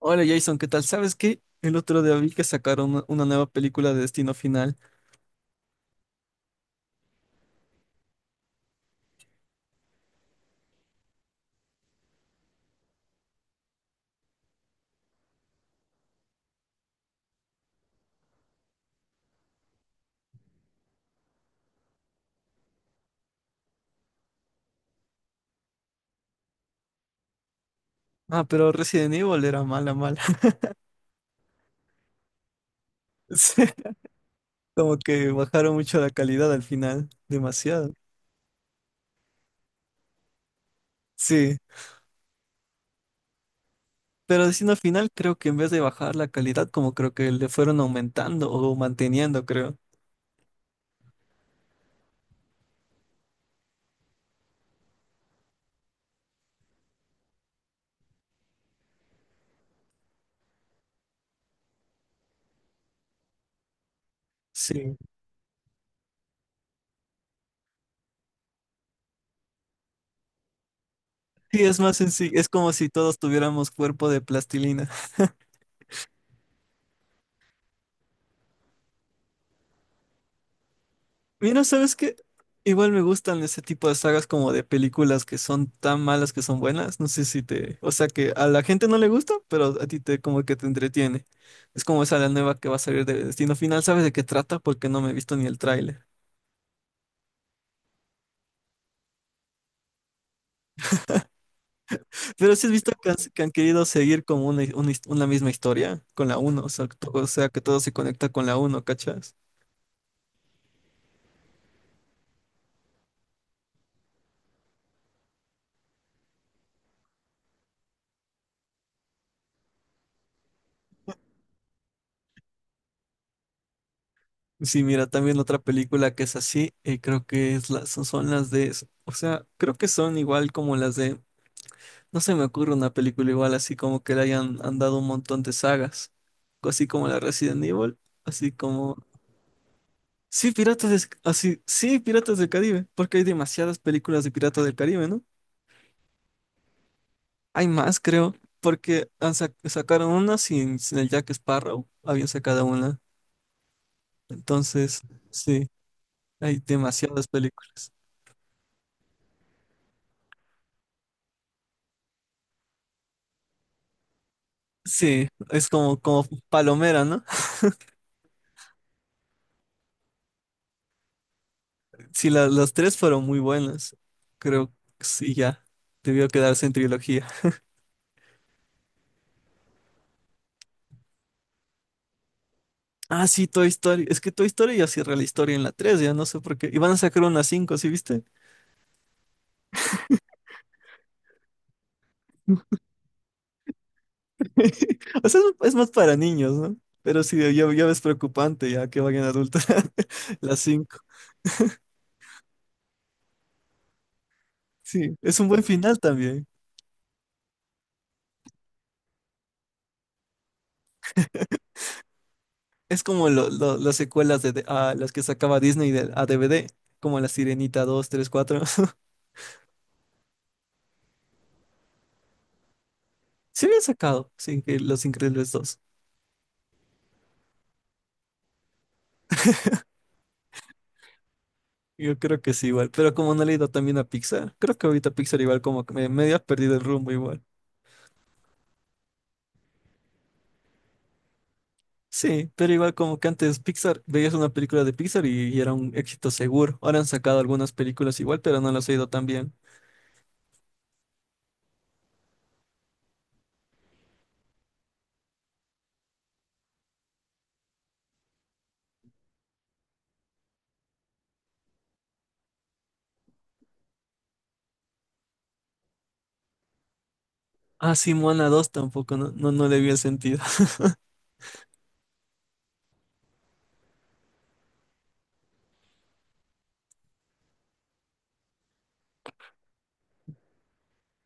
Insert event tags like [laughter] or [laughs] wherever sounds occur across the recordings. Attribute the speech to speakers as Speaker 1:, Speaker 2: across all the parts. Speaker 1: Hola Jason, ¿qué tal? ¿Sabes qué? El otro día vi que sacaron una nueva película de Destino Final. Ah, pero Resident Evil era mala, mala. [laughs] Sí, como que bajaron mucho la calidad al final, demasiado. Sí, pero Destino Final creo que en vez de bajar la calidad, como creo que le fueron aumentando o manteniendo, creo. Sí. Sí, es más sencillo, es como si todos tuviéramos cuerpo de plastilina. Mira, ¿sabes qué? Igual me gustan ese tipo de sagas como de películas que son tan malas que son buenas. No sé si te... O sea, que a la gente no le gusta, pero a ti te como que te entretiene. Es como esa la nueva que va a salir de Destino Final. ¿Sabes de qué trata? Porque no me he visto ni el tráiler. Pero sí has visto que han querido seguir como una, una misma historia con la uno. O sea, o sea, que todo se conecta con la uno. ¿Cachas? Sí, mira, también otra película que es así, creo que son, son las de... O sea, creo que son igual como las de... No se me ocurre una película igual así como que le hayan han dado un montón de sagas, así como la Resident Evil, así como sí, Piratas de... así, sí, Piratas del Caribe, porque hay demasiadas películas de Piratas del Caribe, ¿no? Hay más, creo, porque sacaron una sin el Jack Sparrow, habían sacado una. Entonces, sí, hay demasiadas películas. Sí, es como, como palomera, ¿no? Sí, las tres fueron muy buenas. Creo que sí, ya. Debió quedarse en trilogía. Ah, sí, Toy Story. Es que Toy Story ya cierra la historia en la 3, ya no sé por qué. Y van a sacar una cinco, ¿sí viste? [laughs] O sea, es más para niños, ¿no? Pero sí, ya, ya ves preocupante ya que vayan adultos [laughs] las 5. Sí, es un buen final también. Es como las secuelas de, ah, las que sacaba Disney de- a DVD, como La Sirenita 2, 3, 4. [laughs] Sí habían sacado, sí, que Los Increíbles 2. Yo creo que sí, igual. Pero como no le he ido también a Pixar, creo que ahorita Pixar igual como que me, medio ha perdido el rumbo igual. Sí, pero igual como que antes Pixar, veías una película de Pixar y era un éxito seguro. Ahora han sacado algunas películas igual, pero no las he ido tan bien. Ah, sí, Moana 2 tampoco, no, no, no le vi el sentido. [laughs]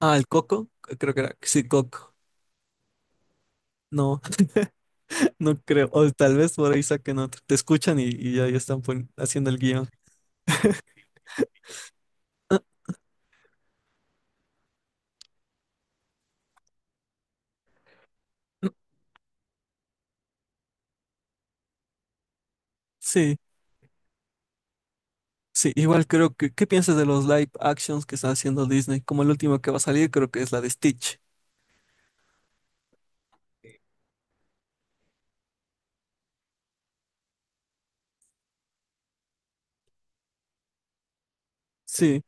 Speaker 1: Ah, el Coco, creo que era, sí, Coco. No, [laughs] no creo. O tal vez por ahí saquen otro. Te escuchan y ahí están haciendo el guión. Sí, sí, igual creo que, ¿qué piensas de los live actions que está haciendo Disney? Como el último que va a salir, creo que es la de Stitch. Sí,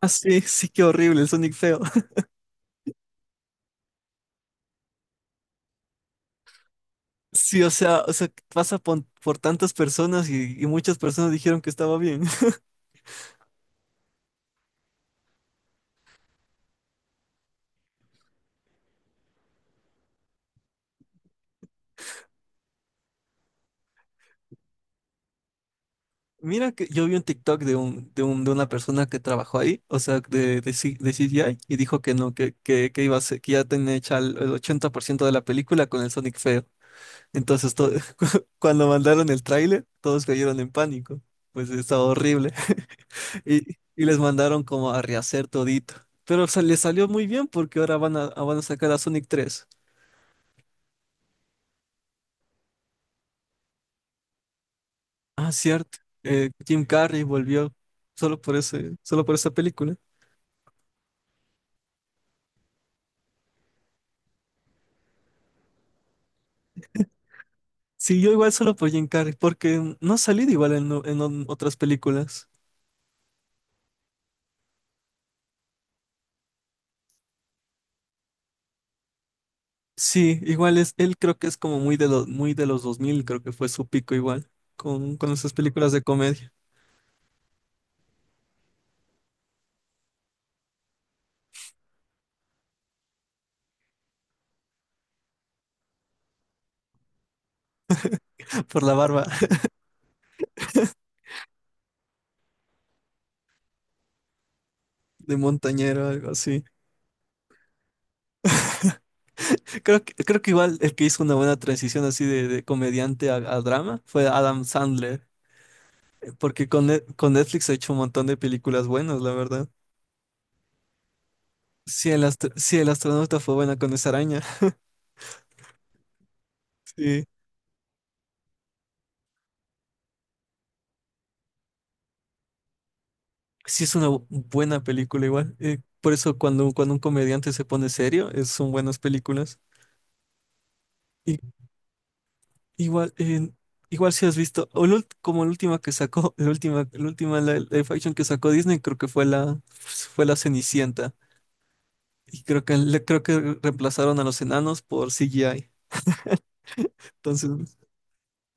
Speaker 1: ah, sí, [laughs] sí, qué horrible, el Sonic feo. Sí, o sea, pasa por tantas personas y muchas personas dijeron que estaba bien. [laughs] Mira que yo vi un TikTok de un, de un, de una persona que trabajó ahí, o sea, de de CGI, y dijo que no, que iba a que ya tenía hecha el 80% de la película con el Sonic feo. Entonces, [laughs] cuando mandaron el tráiler, todos cayeron en pánico. Pues estaba horrible. [laughs] Y, y les mandaron como a rehacer todito. Pero o sea, les salió muy bien porque ahora van a sacar a Sonic 3. Ah, cierto. Eh, Jim Carrey volvió solo por ese, solo por esa película. Sí, yo igual solo por Jim Carrey, porque no ha salido igual en, en otras películas. Sí, igual es, él creo que es como muy de los 2000. Creo que fue su pico igual, con esas películas de comedia, [laughs] por la barba [laughs] de montañero, algo así. Creo que igual el que hizo una buena transición así de comediante a drama fue Adam Sandler, porque con, con Netflix ha hecho un montón de películas buenas, la verdad. Si el, si el astronauta fue bueno con esa araña. Sí. Sí, es una buena película igual. Por eso cuando, cuando un comediante se pone serio, son buenas películas. Y, igual, igual si has visto, o la como la última que sacó, [laughs] la última live action que sacó Disney, creo que fue la Cenicienta. Y creo que, creo que reemplazaron a los enanos por CGI. Entonces,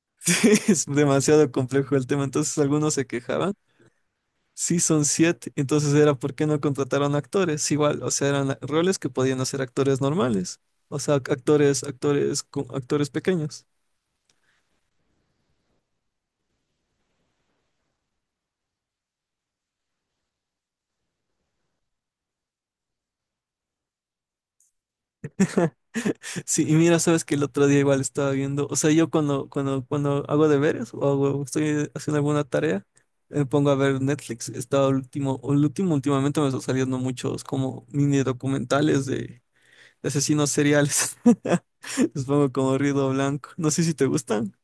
Speaker 1: [laughs] sí, es demasiado complejo el tema. Entonces algunos se quejaban. Sí, son siete. Entonces era por qué no contrataron actores. Igual, o sea, eran roles que podían hacer actores normales. O sea, actores, actores, actores pequeños. Sí, y mira, sabes que el otro día igual estaba viendo, o sea, yo cuando, cuando, cuando hago deberes o estoy haciendo alguna tarea, me pongo a ver Netflix. Estaba el último, últimamente me están saliendo muchos como mini documentales de asesinos seriales. [laughs] Les pongo como ruido blanco. No sé si te gustan.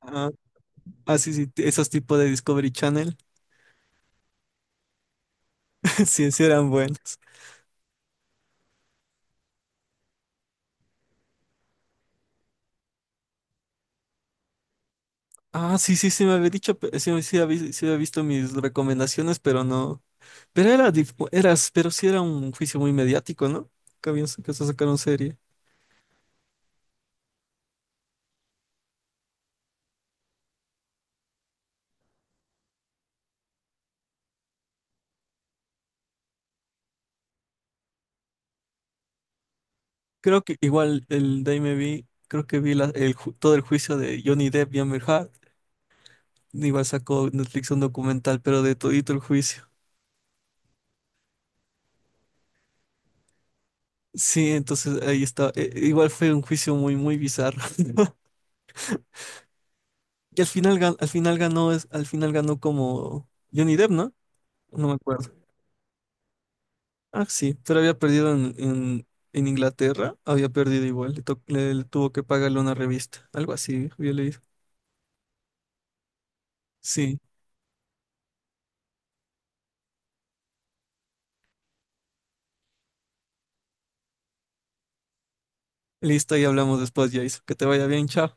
Speaker 1: Ah, ah, sí, sí, esos tipos de Discovery Channel. [laughs] Sí, sí eran buenos. Ah, sí, sí, sí me había dicho, sí, sí, sí había visto mis recomendaciones, pero no. Pero era, eras, pero sí era un juicio muy mediático, ¿no? Que habían que se sacaron serie. Creo que igual el de ahí me vi, creo que vi el, todo el juicio de Johnny Depp y Amber Heard. Igual sacó Netflix un documental, pero de todito el juicio. Sí, entonces ahí está. Igual fue un juicio muy, muy bizarro. [laughs] Y al final, al final ganó, al final ganó como Johnny Depp, ¿no? No me acuerdo. Ah, sí, pero había perdido en, en Inglaterra, había perdido igual, le, le tuvo que pagarle una revista, algo así, había leído. Sí, listo, y hablamos después, Jason. Que te vaya bien, chao.